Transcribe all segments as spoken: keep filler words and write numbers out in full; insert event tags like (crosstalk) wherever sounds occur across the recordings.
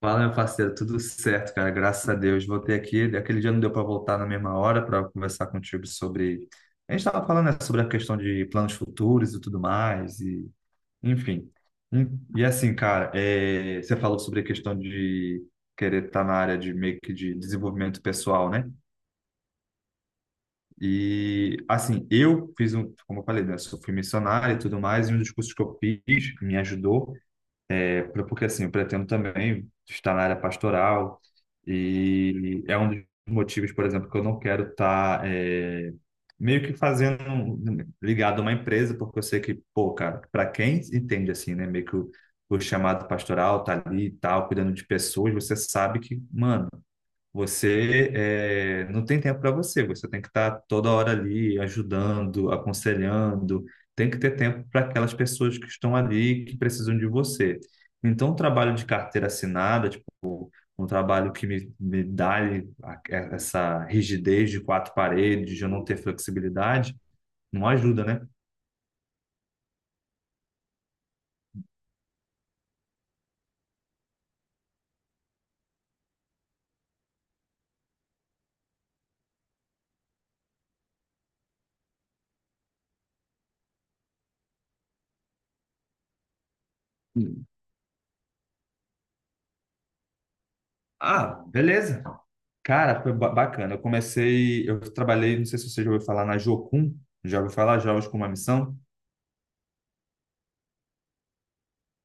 Fala, meu parceiro, tudo certo, cara, graças a Deus. Voltei aqui. Aquele dia não deu para voltar na mesma hora para conversar contigo sobre. A gente estava falando, né, sobre a questão de planos futuros e tudo mais, e enfim. E assim, cara, é, você falou sobre a questão de querer estar na área de meio que de desenvolvimento pessoal, né? E assim, eu fiz um, como eu falei, né, eu sou- fui missionário e tudo mais, e um dos cursos que eu fiz que me ajudou. É, pra- porque assim, eu pretendo também estar na área pastoral e é um dos motivos, por exemplo, que eu não quero estar é, meio que fazendo um- ligado a uma empresa, porque eu sei que, pô, cara, para quem entende assim, né, meio que o, o chamado pastoral tá ali e tal, cuidando de pessoas, você sabe que, mano, você eh, não tem tempo para você, você tem que estar toda hora ali ajudando, aconselhando, tem que ter tempo para aquelas pessoas que estão ali, que precisam de você. Então, o trabalho de carteira assinada, tipo, um trabalho que me, me dá ali a- é, essa rigidez de quatro paredes, de eu não ter flexibilidade, não ajuda, né? Ah, beleza. Cara, foi ba- bacana. Eu comecei, eu trabalhei, não sei se você já ouviu falar na Jocum, já ouviu falar Jogos com uma Missão?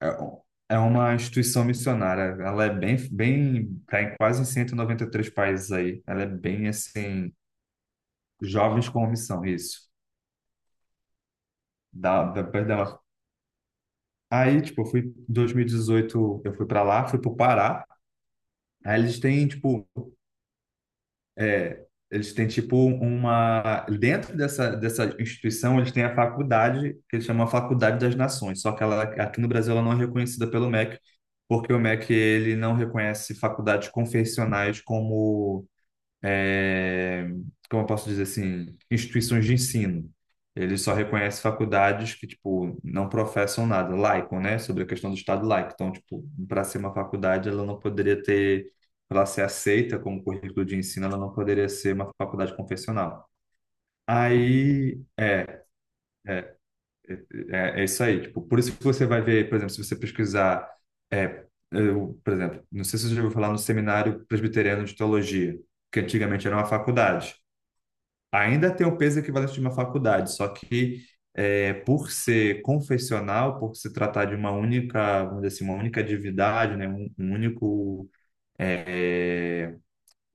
É um- É uma instituição missionária. Ela é bem, bem, tá em quase em cento e noventa e três países aí. Ela é bem assim, jovens com missão, isso. Da, da, perdão. Aí, tipo, eu fui em dois mil e dezoito, eu fui para lá, fui pro Pará. Aí eles têm, tipo, é, eles têm tipo uma dentro dessa dessa instituição, eles têm a faculdade que eles chamam a Faculdade das Nações, só que ela aqui no Brasil ela não é reconhecida pelo MEC, porque o MEC ele não reconhece faculdades confessionais como é, como eu posso dizer assim, instituições de ensino. Eles só reconhecem faculdades que, tipo, não professam nada, laicam, né? Sobre a questão do Estado laico. Então, tipo, para ser uma faculdade, ela não poderia ter, para ela ser aceita como currículo de ensino, ela não poderia ser uma faculdade confessional. Aí, é, é, É isso aí. Tipo, por isso que você vai ver, por exemplo, se você pesquisar, é, eu, por exemplo, não sei se você já ouviu falar no Seminário Presbiteriano de Teologia, que antigamente era uma faculdade. Ainda tem o peso equivalente de uma faculdade, só que é, por ser confessional, por se tratar de uma única, vamos dizer assim, uma única divindade, né, um, um único, é,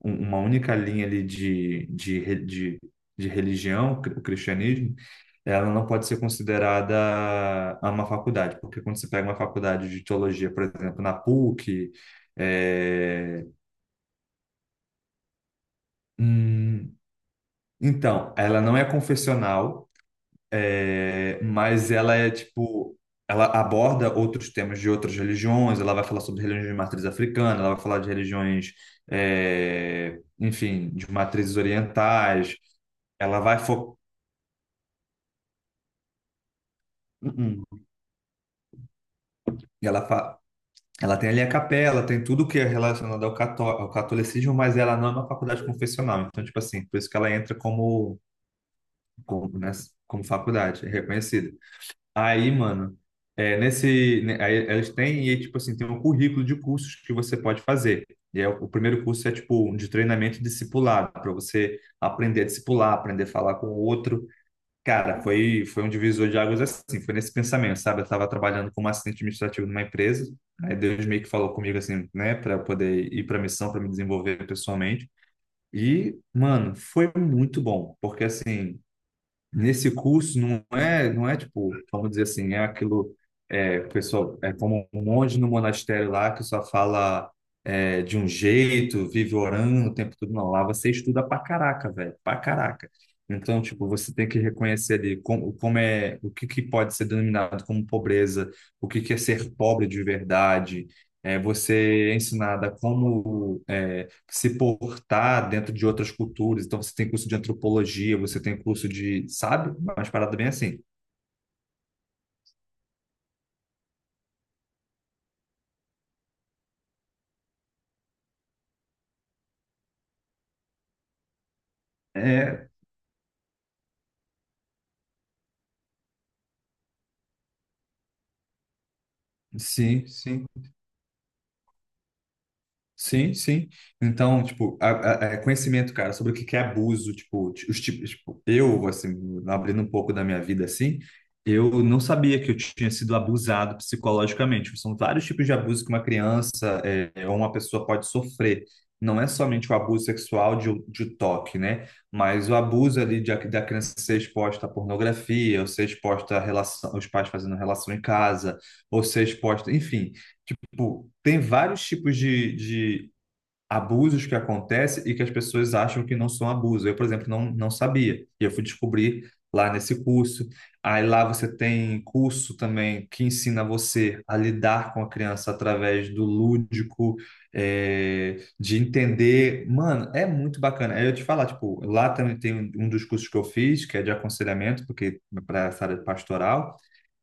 um- uma única linha ali de, de, re- de, de religião, cri- o cristianismo, ela não pode ser considerada uma faculdade, porque quando você pega uma faculdade de teologia, por exemplo, na PUC, é, hum, então, ela não é confessional. É, mas ela é tipo, ela aborda outros temas de outras religiões, ela vai falar sobre religiões de matriz africana, ela vai falar de religiões, é, enfim, de matrizes orientais. ela vai fo... Uhum. E Ela, fa... Ela tem ali a capela, tem tudo que é relacionado ao, cató... ao catolicismo, mas ela não é uma faculdade confessional, então, tipo assim, por isso que ela entra como, como, né, como faculdade, é reconhecida. Aí, mano, é, nesse, né, aí elas têm, e aí, tipo assim, tem um currículo de cursos que você pode fazer. E aí, o o primeiro curso é, tipo, um de treinamento discipulado, para você aprender a discipular, aprender a falar com o outro. Cara, foi, foi um divisor de águas assim, foi nesse pensamento, sabe? Eu estava trabalhando como assistente administrativo numa empresa, aí Deus meio que falou comigo, assim, né, para poder ir para missão, para me desenvolver pessoalmente. E, mano, foi muito bom, porque, assim, nesse curso não é, não é tipo, vamos dizer assim, é aquilo, é, o pessoal, é como um monge no monastério lá que só fala é, de um jeito, vive orando o tempo todo. Não, lá você estuda pra caraca, velho, pra caraca. Então, tipo, você tem que reconhecer ali como, como é, o que que pode ser denominado como pobreza, o que que é ser pobre de verdade, é, você é ensinada como é, se portar dentro de outras culturas. Então, você tem curso de antropologia, você tem curso de, sabe? Umas paradas bem assim. É, sim, sim. Sim, sim. Então, tipo, a, a- é conhecimento, cara, sobre o que que é abuso, tipo, ti- os tipos, tipo, eu, assim, abrindo um pouco da minha vida, assim, eu não sabia que eu tinha sido abusado psicologicamente. São vários tipos de abuso que uma criança é, ou uma pessoa pode sofrer. Não é somente o abuso sexual de, um, de um toque, né? Mas o abuso ali de, a- da criança ser exposta à pornografia, ou ser exposta a relação, os pais fazendo relação em casa, ou ser exposta, enfim, tipo, tem vários tipos de, de abusos que acontecem e que as pessoas acham que não são abuso. Eu, por exemplo, não, não sabia. E eu fui descobrir lá nesse curso. Aí lá você tem curso também que ensina você a lidar com a criança através do lúdico, é, de entender. Mano, é muito bacana. Aí eu te falar, tipo, lá também tem um um dos cursos que eu fiz, que é de aconselhamento, porque para essa área pastoral,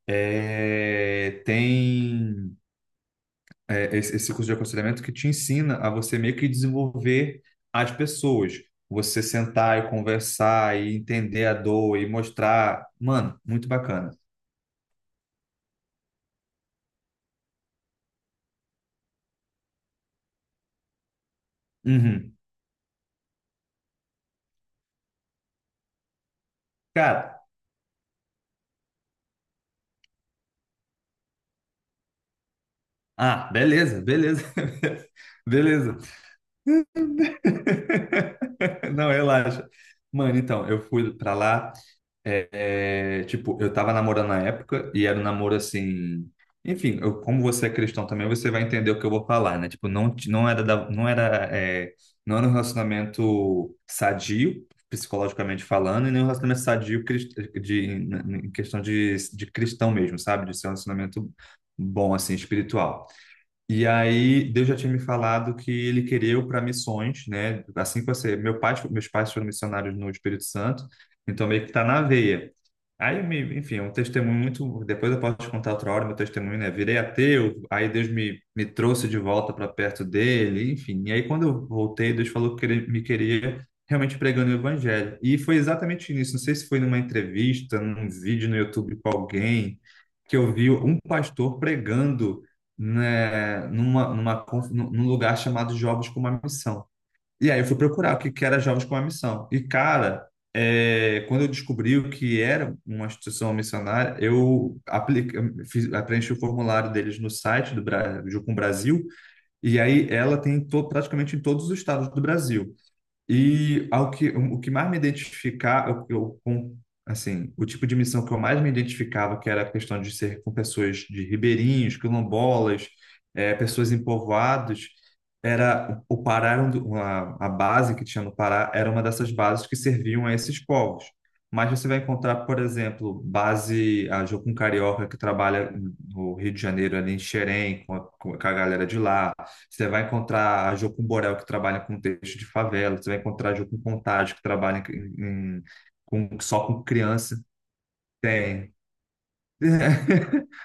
é, tem é, esse esse curso de aconselhamento que te ensina a você meio que desenvolver as pessoas. Você sentar e conversar e entender a dor e mostrar. Mano, muito bacana. Uhum. Cara, ah, beleza, beleza, (laughs) beleza. Não, relaxa. Mano, então, eu fui pra lá. É, é, tipo, eu tava namorando na época e era um namoro assim. Enfim, eu- como você é cristão também, você vai entender o que eu vou falar, né? Tipo, não, t- não era, da- não era, é, não era um relacionamento sadio, psicologicamente falando, e nem um relacionamento sadio crist- de, em questão de, de cristão mesmo, sabe? De ser um relacionamento bom, assim, espiritual. E aí, Deus já tinha me falado que ele queria eu para missões, né? Assim que você. Meu pai, meus pais foram missionários no Espírito Santo, então meio que tá na veia. Aí, me- enfim, é um testemunho muito. Depois eu posso te contar outra hora meu testemunho, né? Virei ateu, aí Deus me, me trouxe de volta para perto dele, enfim. E aí, quando eu voltei, Deus falou que ele me queria realmente pregando o evangelho. E foi exatamente nisso. Não sei se foi numa entrevista, num vídeo no YouTube com alguém, que eu vi um pastor pregando, né, numa, numa, conf- num num lugar chamado Jovens com uma Missão. E aí eu fui procurar o que que era Jovens com uma Missão. E, cara, é, quando eu descobri o que era uma instituição missionária, eu apliquei, fiz, preenchi o formulário deles no site do Bra- do Jucum Brasil, e aí ela tem em to- praticamente em todos os estados do Brasil. E ao que, o que mais me identificar, eu, eu, com, assim, o tipo de missão que eu mais me identificava, que era a questão de ser com pessoas de ribeirinhos, quilombolas, eh, pessoas em povoados, era o Pará, era um do- uma- a, base que tinha no Pará era uma dessas bases que serviam a esses povos. Mas você vai encontrar, por exemplo, base, a Jocum Carioca, que trabalha no Rio de Janeiro, ali em Xerém, com a, com a galera de lá, você vai encontrar a Jo com Borel, que trabalha com texto de favela. Você vai encontrar a Jo com Contágio, que trabalha em- em- com, só com criança. Tem. (laughs)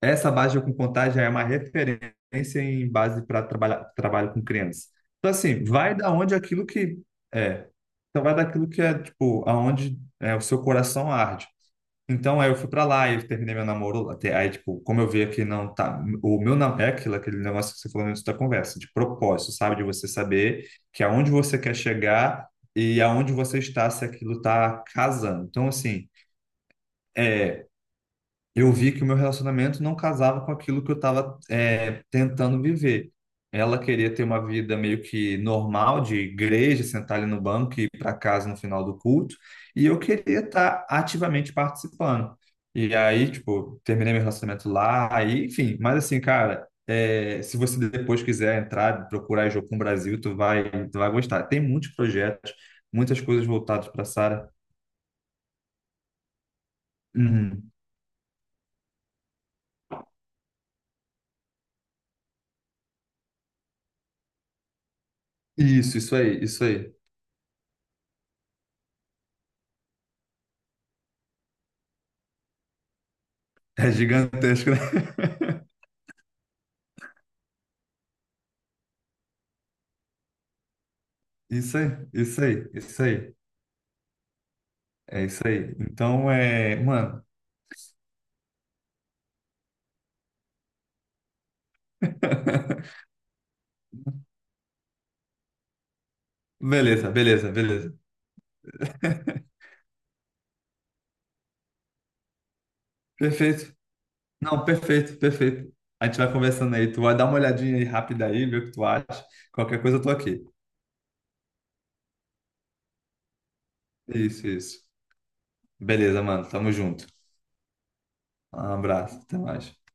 Essa base de Jo com Contágio é uma referência em base para trabalhar trabalho com criança. Então, assim, vai da onde aquilo que é. Então, vai daquilo que é, tipo, aonde é, o seu coração arde. Então, aí eu fui pra lá, e eu terminei meu namoro lá. Até- Aí, tipo, como eu via que não tá. O meu namoro é aquilo, aquele negócio que você falou no início da conversa, de propósito, sabe? De você saber que aonde você quer chegar e aonde você está, se aquilo tá casando. Então, assim. é eu vi que o meu relacionamento não casava com aquilo que eu estava tentando viver. Ela queria ter uma vida meio que normal, de igreja, sentar ali no banco e ir para casa no final do culto, e eu queria estar ativamente participando. E aí, tipo, terminei meu relacionamento lá, aí, enfim, mas assim, cara, é, se você depois quiser entrar, procurar Jocum Brasil, tu vai, tu vai gostar. Tem muitos projetos, muitas coisas voltadas para Sara. Uhum. Isso, isso aí, isso aí. É gigantesco, né? Isso aí, isso aí, isso aí. É isso aí. Então, é, mano, (laughs) beleza, beleza, beleza. Perfeito. Não, perfeito, perfeito. A gente vai conversando aí. Tu vai dar uma olhadinha aí rápida aí, ver o que tu acha. Qualquer coisa eu tô aqui. Isso, isso. Beleza, mano. Tamo junto. Um abraço. Até mais.